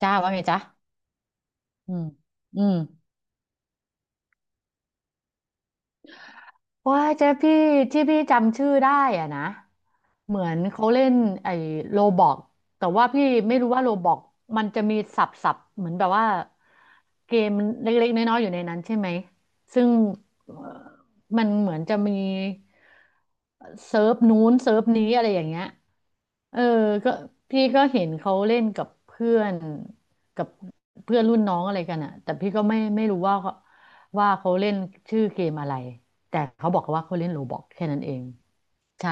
จ้าว่าไงจ้าอืมอืม ว่าเจ๊พี่ที่พี่จำชื่อได้อะนะเหมือนเขาเล่นไอ้โรบอกแต่ว่าพี่ไม่รู้ว่าโรบอกมันจะมีสับเหมือนแบบว่าเกมเล็กๆน้อยๆอยู่ในนั้นใช่ไหมซึ่งเอ่อมันเหมือนจะมีเซิร์ฟนู้นเซิร์ฟนี้อะไรอย่างเงี้ยเออก็พี่ก็เห็นเขาเล่นกับเพื่อนกับเพื่อนรุ่นน้องอะไรกันอะแต่พี่ก็ไม่รู้ว่าเขาว่าเขาเล่นชื่อเกมอะไร แต่เขาบอกว่าเขาเล่นโรบล็อกแค่นั้นเองใช่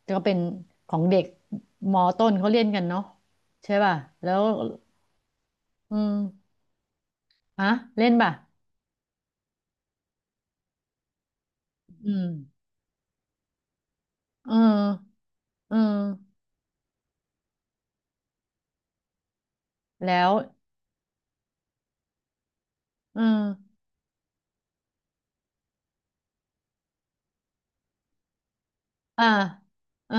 แต่ก็เป็นของเด็กมอต้นเขาเล่นกันเนาะใช่ป่ะแล้วอืมฮะเล่นป่ะอืมเออเออแล้วเอออ่าเออ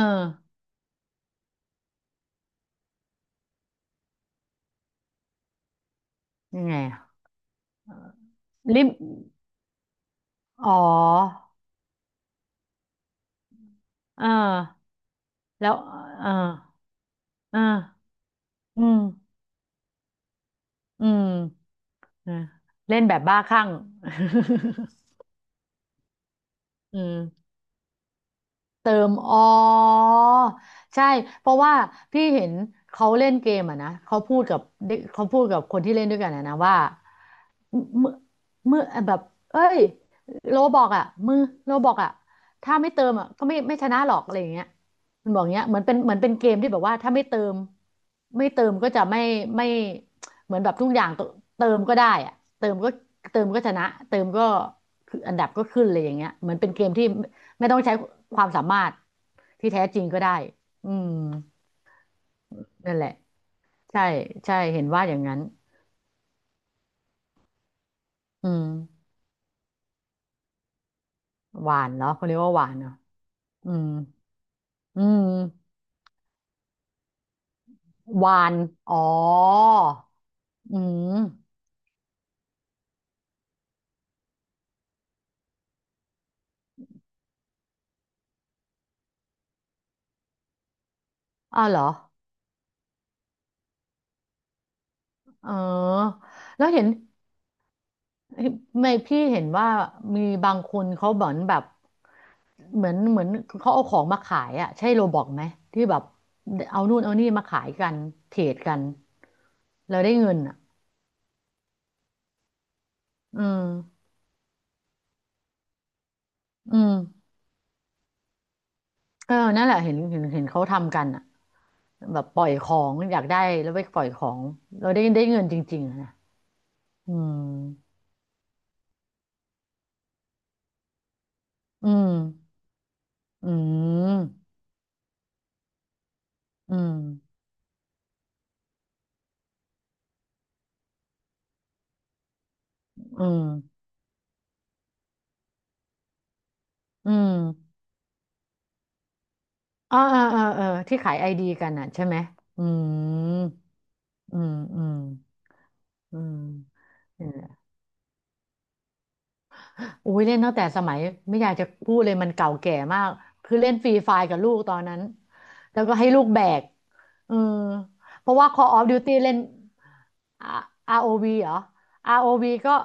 ยังไงอะลิมอ๋ออ่าแล้วอ่าอ่าอืมอืมอ่ะเล่นแบบบ้าคลั่ง อืม เติมอ๋อใช่เพราะว่าพี่เห็นเขาเล่นเกมอ่ะนะเขาพูดกับเด็กเขาพูดกับคนที่เล่นด้วยกันอะนะว่าเมื่อเมื่อแบบเอ้ยโลบอกอ่ะมือโลบอกอ่ะถ้าไม่เติมอ่ะก็ไม่ชนะหรอกอะไรอย่างเงี้ยมันบอกเงี้ยเหมือนเป็นเกมที่แบบว่าถ้าไม่เติมไม่เติมก็จะไม่ไม่เหมือนแบบทุกอย่างเติมก็ได้อ่ะเติมก็เติมก็ชนะเติมก็คืออันดับก็ขึ้นเลยอย่างเงี้ยเหมือนเป็นเกมที่ ไม่ต้องใช้ความสามารถที่แท้จริงก็ได้อืมนั่นแหละ ใช่ใช่เห็นว่าอย่างนั้นอืมหวานเหรอเขาเรียกว่าหวานเหรออืมอืมหวาน อ๋ออืมอ้าวเหรอเออแล้วเห็นไม่พี่เห็นว่ามีบางคนเขาเหมือนแบบเหมือนเขาเอาของมาขายอ่ะใช่โรบอกไหม ที่แบบเอานู่นเอานี่มาขายกัน เทรดกันแล้วได้เงินอ่ะอืม อืมเออนั่นแหละเห็นเขาทำกันอ่ะแบบปล่อยของอยากได้แล้วไปปล่อยของเราได้ได้เงินจริงๆอะนะอืมอืมอืมอืมอืมอืมอ๋อเออเออที่ขายไอดีกันอ่ะใช่ไหมอืมอืมอืมอืมนั่นแหละอุ้ยเล่นตั้งแต่สมัยไม่อยากจะพูดเลยมันเก่าแก่มากคือเล่นฟรีไฟกับลูกตอนนั้นแล้วก็ให้ลูกแบกเออเพราะว่า Call of Duty เล่น ROV เหรอ ROV ก็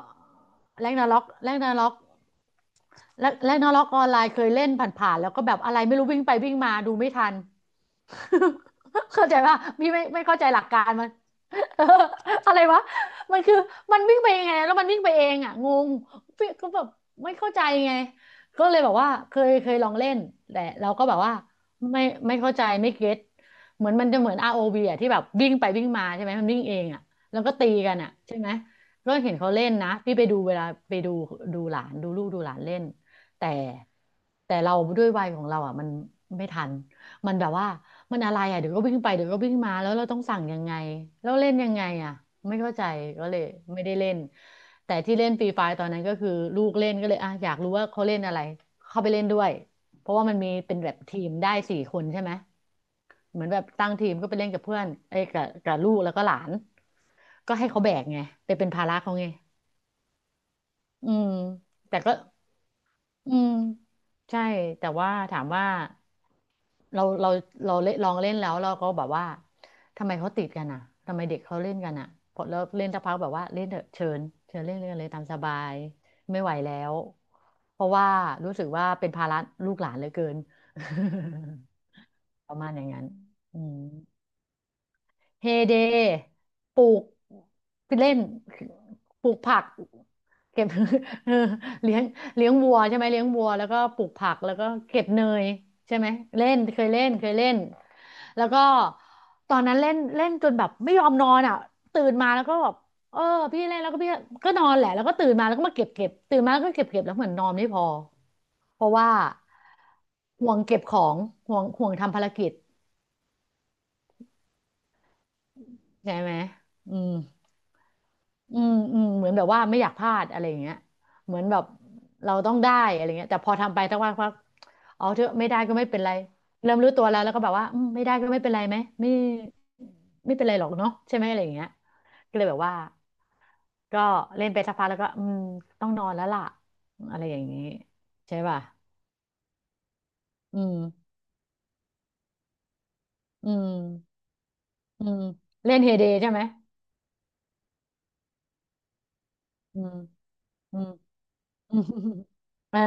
แรงนาร็อกแร็นาร็อก แรกแรกนล็อกออนไลน์เคยเล่นผ่านๆแล้วก็แบบอะไรไม่รู้วิ่งไปวิ่งมาดูไม่ทัน เข้าใจป่ะพี่ไม่เข้าใจหลักการมัน เอออะไรวะมันคือมันวิ่งไปยังไงแล้วมันวิ่งไปเองอ่ะงงพี่ก็แบบไม่เข้าใจไงก็เลยบอกว่าเคยลองเล่นแต่เราก็แบบว่าไม่ไม่เข้าใจไม่เก็ตเหมือนมันจะเหมือน ROV อวีอ่ะที่แบบวิ่งไปวิ่งมาใช่ไหมมันวิ่งเองอ่ะแล้วก็ตีกันอ่ะใช่ไหมก็เห็นเขาเล่นนะพี่ไปดูเวลาไปดูดูหลานดูลูกดูหลานเล่น แต่แต่เราด้วยวัยของเราอ่ะมันไม่ทันมันแบบว่ามันอะไรอ่ะเดี๋ยวก็วิ่งไปเดี๋ยวก็วิ่งมาแล้วเราต้องสั่งยังไงแล้วเล่นยังไงอ่ะไม่เข้าใจก็เลยไม่ได้เล่นแต่ที่เล่นฟรีไฟตอนนั้นก็คือลูกเล่นก็เลยอ่ะอยากรู้ว่าเขาเล่นอะไรเข้าไปเล่นด้วยเพราะว่ามันมีเป็นแบบทีมได้4 คนใช่ไหมเหมือนแบบตั้งทีมก็ไปเล่นกับเพื่อนเอ้ยกับกับลูกแล้วก็หลานก็ให้เขาแบกไงไปเป็นภาระเขาไงอืมแต่ก็ อืมใช่แต่ว่าถามว่าเราเราเราเล่นลองเล่นแล้วเราก็แบบว่าทำไมเขาติดกันอ่ะทำไมเด็กเขาเล่นกันอ่ะพอเลิกเล่นสักพักแบบว่าเล่นเถอะเชิญเชิญเล่นเล่นกันเลยตามสบายไม่ไหวแล้วเพราะว่ารู้สึกว่าเป็นภาระลูกหลานเหลือเกิน ประมาณอย่างนั้นอืม เฮเดปลูกเล่นปลูกผักเก็บ เออเลี้ยงเลี้ยงวัวใช่ไหมเลี้ยงวัวแล้วก็ปลูกผักแล้วก็เก็บเนยใช่ไหมเล่นเคยเล่น แล้วก็ตอนนั้นเล่นเล่นจนแบบไม่ยอมนอนอ่ะตื่นมาแล้วก็แบบเออพี่เล่นแล้วก็พี่ก็นอนแหละแล้วก็ตื่นมาแล้วก็มาเก็บตื่นมาแล้วก็เก็บแล้วเหมือนนอนไม่พอ เพราะว่าห่วงเก็บของห่วงทำภารกิจใช่ไหมอืม อืมอืมเหมือนแบบว่าไม่อยากพลาดอะไรอย่างเงี้ยเหมือนแบบเราต้องได้อะไรเงี้ยแต่พอทำไปตั้งวันพักเอาเถอะไม่ได้ก็ไม่เป็นไรเริ่มรู้ตัวแล้วแล้วก็แบบว่าอืมไม่ได้ก็ไม่เป็นไรไหมไม่ไม่เป็นไรหรอกเนาะใช่ไหมอะไรอย่างเงี้ยก็เลยแบบว่าก็เล่นไปสักพักแล้วก็อืมต้องนอนแล้วล่ะอะไรอย่างงี้ใช่ป่ะอืมอืมอืมเล่นเฮเดใช่ไหมอืมอืมอืม เออ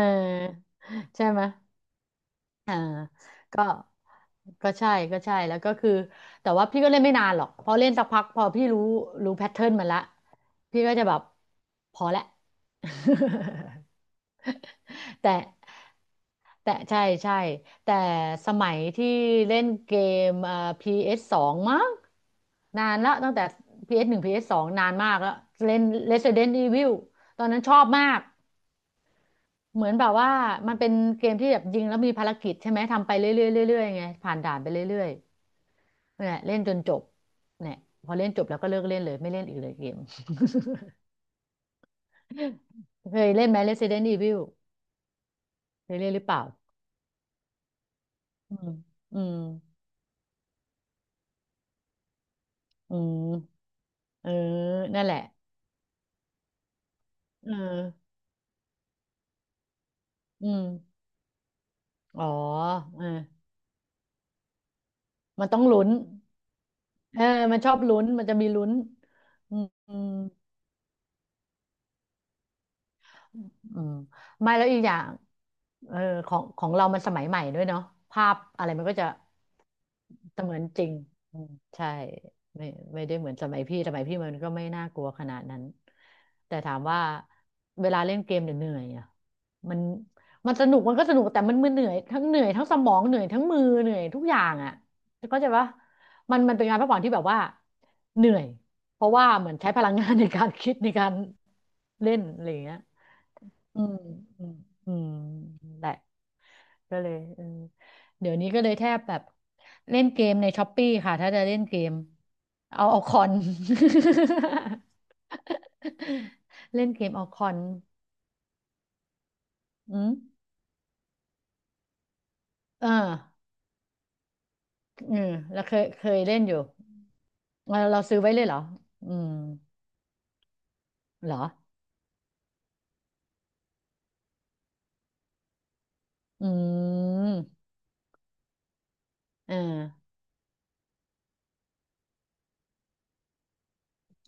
ใช่ไหม อ่าก็ก็ใช่ก็ใช่แล้วก็คือแต่ว่าพี่ก็เล่นไม่นานหรอกพอเล่นสักพักพอพี่รู้รู้แพทเทิร์นมันละพี่ก็จะแบบพอละ แต่แต่ใช่ใช่แต่สมัยที่เล่นเกมPS สสองมั้งนานละตั้งแต่ PS หนึ่ง PS สสองนานมากแล้วเล่น Resident Evil ตอนนั้นชอบมากเหมือนแบบว่ามันเป็นเกมที่แบบยิงแล้วมีภารกิจใช่ไหมทำไปเรื่อยๆเรื่อยๆไงผ่านด่านไปเรื่อย เนี่ยเล่นจนจบเนี่ยพอเล่นจบแล้วก็เลิกเล่นเลยไม่เล่นอีกเลยเกม เคยเล่นไหม Resident Evil เคยเล่นหรือเปล่าอืมอืมอืมเออนั่นแหละเอออืมอ๋อเออมันต้องลุ้นเออมันชอบลุ้นมันจะมีลุ้นอืม อืมไม่แล้วอีกอย่างเออของของเรามันสมัยใหม่ด้วยเนาะภาพอะไรมันก็จะเสมือนจริงอืมใช่ไม่ไม่ได้เหมือนสมัยพี่สมัยพี่มันก็ไม่น่ากลัวขนาดนั้นแต่ถามว่าเวลาเล่นเกมเนี่ยเหนื่อยอ่ะมันมันสนุกมันก็สนุกแต่มันมันเหนื่อยทั้งเหนื่อยทั้งสมองเหนื่อยทั้งมือเหนื่อยทุกอย่างอ่ะเข้าใจปะมันมันเป็นงานพักผ่อนที่แบบว่าเหนื่อยเพราะว่าเหมือนใช้พลังงานในการคิดในการเล่นอะไรอย่างเงี้ย อืมอืมอืมแหละก็เลยเออเดี๋ยวนี้ก็เลยแทบแบบเล่นเกมในช้อปปี้ค่ะถ้าจะเล่นเกมเอาเอาคอน เล่นเกมเอาคอนอืมเออเออแล้วเคยเคยเล่นอยู่เราเราซื้อไว้เลยเหรออืมเหรออืมเออ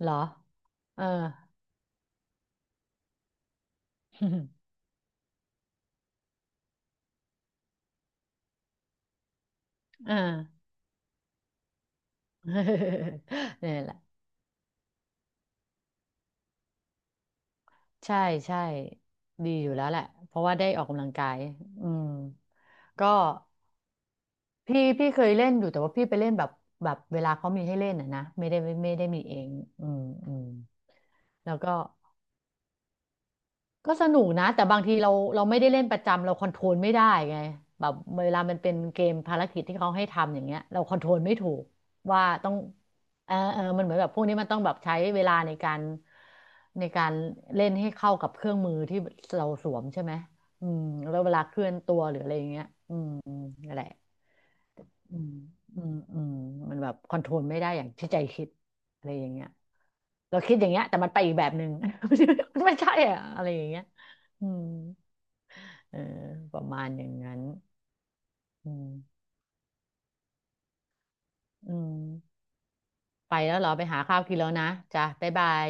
เหรอเออ เอ่า เนี่ย แหละ ใช่ใช่ดีอยู่แล้วแหละเพราะว่าได้ออกกำลังกายอืมก็พี่พี่เคยเล่นอยู่แต่ว่าพี่ไปเล่นแบบแบบเวลาเขามีให้เล่นอ่ะนะไม่ได้ไม่ได้มีเองอืมอืมแล้วก็ ก็สนุกนะแต่บางทีเราเราไม่ได้เล่นประจำเราคอนโทรลไม่ได้ไงแบบเวลามันเป็นเกมภารกิจที่เขาให้ทำอย่างเงี้ยเราคอนโทรลไม่ถูกว่าต้องเออเออมันเหมือนแบบพวกนี้มันต้องแบบใช้เวลาในการในการเล่นให้เข้ากับเครื่องมือที่เราสวมใช่ไหมอืมแล้วเวลาเคลื่อนตัวหรืออะไรอย่างเงี้ยอืมนั่นแหละ อืมอืมอืมมันแบบคอนโทรลไม่ได้อย่างที่ใจคิดอะไรอย่างเงี้ยเราคิดอย่างเงี้ยแต่มันไปอีกแบบหนึ่ง มันไม่ใช่อะอะไรอย่างเงี้ยอืมเออประมาณอย่างนั้นอืมอืมไปแล้วเหรอไปหาข้าวกินแล้วนะจ้ะบ๊ายบาย